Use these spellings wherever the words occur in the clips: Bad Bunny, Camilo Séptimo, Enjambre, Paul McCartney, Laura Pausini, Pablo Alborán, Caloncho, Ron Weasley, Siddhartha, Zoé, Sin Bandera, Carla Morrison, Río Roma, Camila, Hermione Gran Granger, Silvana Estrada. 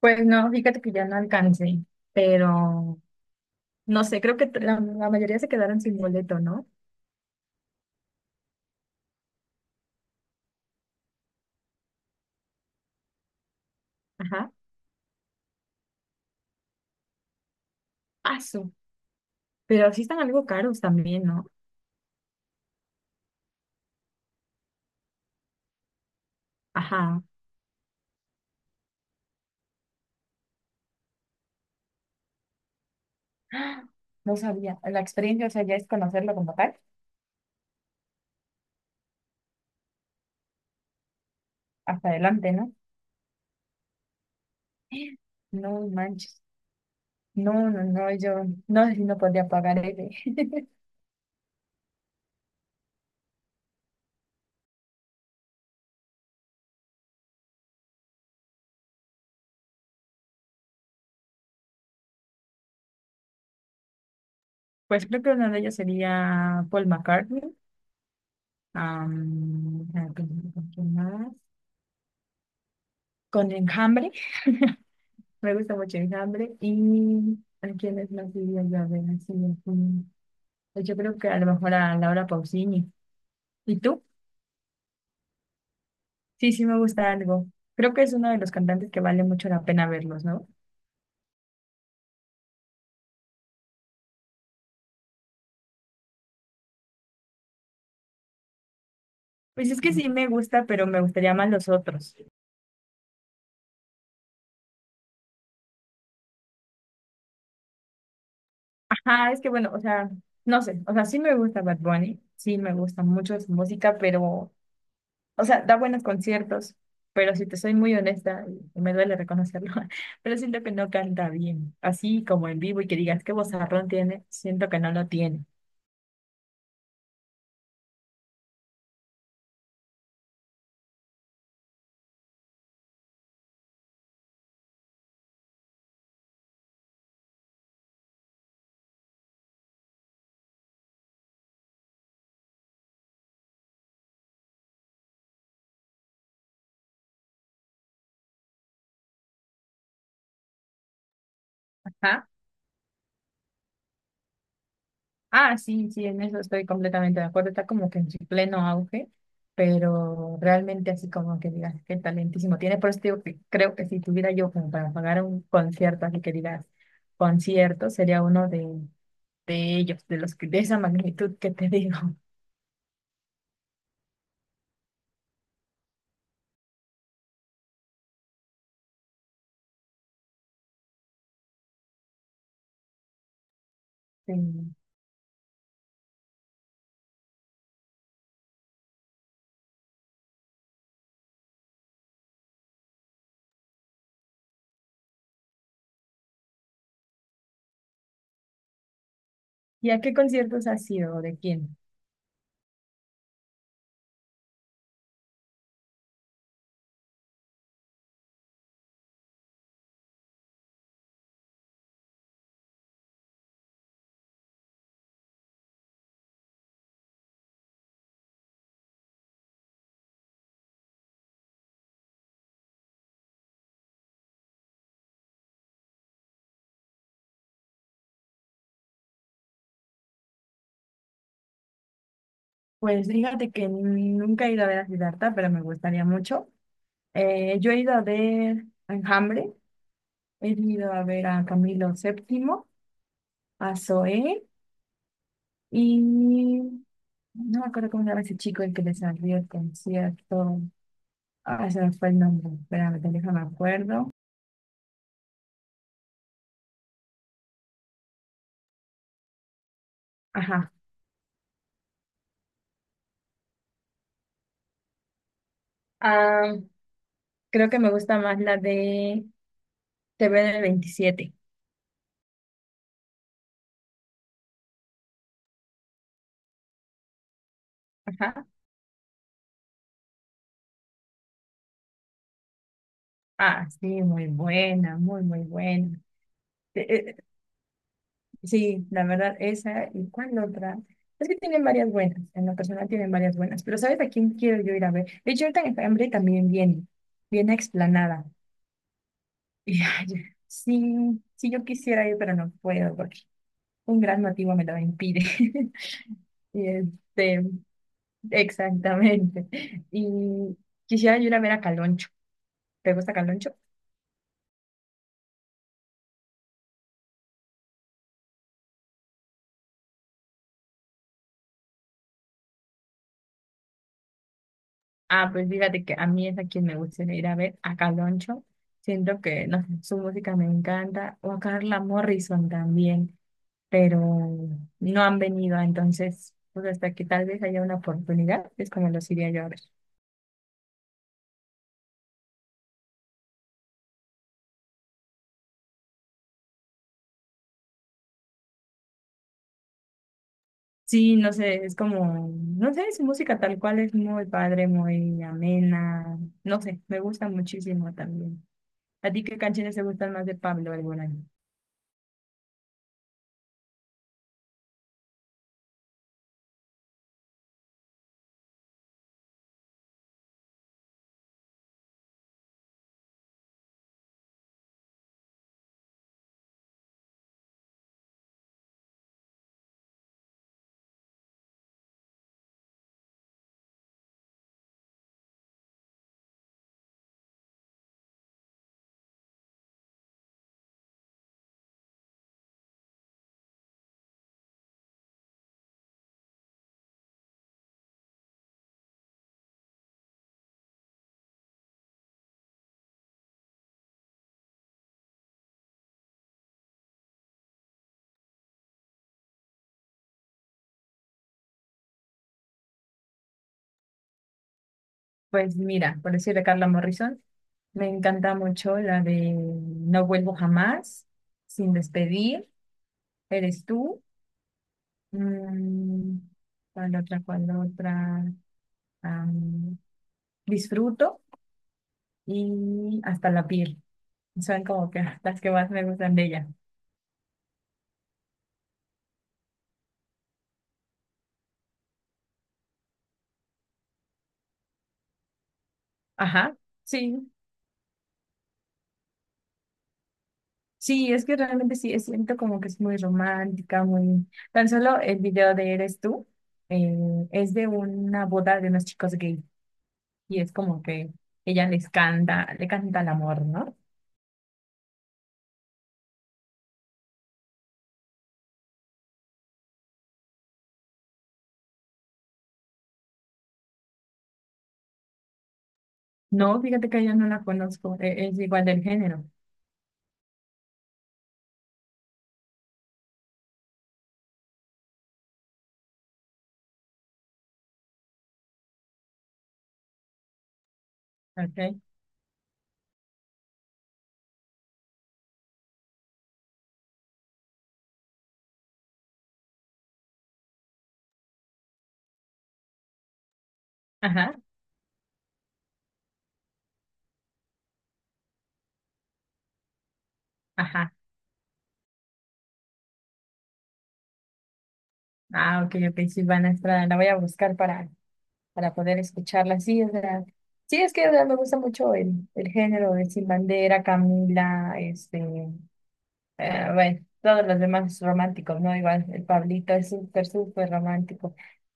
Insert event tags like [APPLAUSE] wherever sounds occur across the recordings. Pues no, fíjate que ya no alcancé, pero no sé, creo que la mayoría se quedaron sin boleto, ¿no? Ajá, paso. Pero sí están algo caros también, ¿no? Ajá. ¡Ah! No sabía. La experiencia, o sea, ya es conocerlo como tal. Hasta adelante, ¿no? [GASPS] No manches. No, no, no, yo no sé si no podría pagar ese. [LAUGHS] Pues creo que una de ellas sería Paul McCartney, ¿con quién más? Con Enjambre. Me gusta mucho el hambre y a quienes más diría yo, a ver, así, pues yo creo que a lo mejor a Laura Pausini. ¿Y tú? Sí, sí me gusta algo. Creo que es uno de los cantantes que vale mucho la pena verlos, ¿no? Pues es que sí me gusta, pero me gustaría más los otros. Ajá, es que bueno, o sea, no sé, o sea, sí me gusta Bad Bunny, sí me gusta mucho su música, pero o sea, da buenos conciertos, pero si te soy muy honesta, y me duele reconocerlo, [LAUGHS] pero siento que no canta bien. Así como en vivo y que digas qué vozarrón tiene, siento que no lo tiene. Ajá. Ah, sí, sí, en eso estoy completamente de acuerdo. Está como que en su pleno auge, pero realmente así como que digas qué talentísimo tiene. Por eso te digo que creo que si tuviera yo como para pagar un concierto, así que digas concierto, sería uno de ellos, de los que de esa magnitud que te [LAUGHS] digo. Sí. ¿Y a qué conciertos has sido? ¿O de quién? Pues fíjate que nunca he ido a ver a Siddhartha, pero me gustaría mucho. Yo he ido a ver a Enjambre, he ido a ver a Camilo Séptimo, a Zoé, y no me acuerdo cómo se llama ese chico el que les salió el concierto. Ah, se me fue el nombre, espérame, déjame acuerdo. Ajá. Ah, creo que me gusta más la de TV del 27. Ajá. Ah, sí, muy buena, muy, muy buena. Eh, eh, Sí, la verdad, esa y cuál otra. Es que tienen varias buenas, en lo personal tienen varias buenas, pero ¿sabes a quién quiero yo ir a ver? De hecho, ahorita en Hambre también viene, viene a Explanada. [LAUGHS] Y ay, sí, sí, yo quisiera ir, pero no puedo porque un gran motivo me lo impide. [LAUGHS] Y este, exactamente. Y quisiera yo ir a ver a Caloncho. ¿Te gusta Caloncho? Ah, pues fíjate que a mí es a quien me gustaría ir a ver, a Caloncho. Siento que no sé, su música me encanta, o a Carla Morrison también, pero no han venido, entonces, pues hasta que tal vez haya una oportunidad, es como los iría yo a ver. Sí, no sé, es como, no sé, su música tal cual es muy padre, muy amena, no sé, me gusta muchísimo también. ¿A ti qué canciones te gustan más de Pablo Alborán? Pues mira, por decir de Carla Morrison, me encanta mucho la de No vuelvo jamás, Sin despedir, Eres tú, mm, ¿cuál otra, cuál otra? Am, disfruto y Hasta la piel. Son como que [LAUGHS] las que más me gustan de ella. Ajá, sí. Sí, es que realmente sí, siento como que es muy romántica, muy... Tan solo el video de Eres tú, eh, es de una boda de unos chicos gay, y es como que ella les canta, le canta el amor, ¿no? No, fíjate que yo no la conozco, es igual del género, ¿ok? Ajá, ajá. Ah, ok, ok, Silvana Estrada, la voy a buscar para poder escucharla. Sí, es verdad. Sí, es que o sea, me gusta mucho el género de Sin Bandera, Camila, este, bueno, todos los demás románticos, ¿no? Igual el Pablito es súper, súper romántico.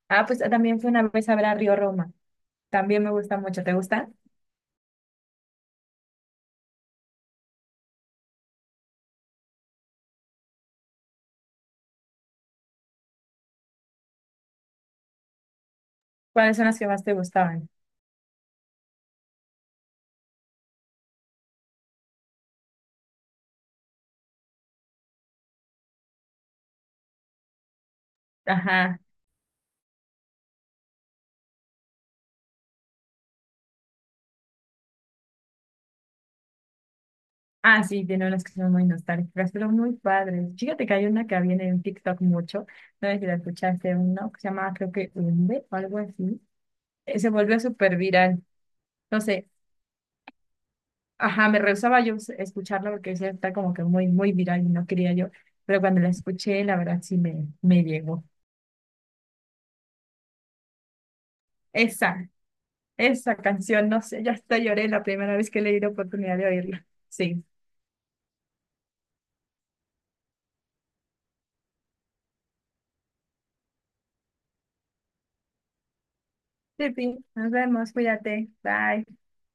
Ah, pues también fue una vez a ver a Río Roma. También me gusta mucho. ¿Te gusta? ¿Cuáles son las que más te gustaban? Ajá. Ah, sí, tiene unas que son muy nostálgicas, pero muy padres. Fíjate que hay una que viene en TikTok mucho, no sé si la escuchaste, uno que se llama creo que Umbe o algo así. Se volvió súper viral. No sé, ajá, me rehusaba yo escucharla porque decía, está como que muy, muy viral y no quería yo, pero cuando la escuché, la verdad sí me llegó. Esa, esa canción, no sé, ya hasta lloré la primera vez que le di la oportunidad de oírla. Sí. Sí, nos vemos, cuídate, bye.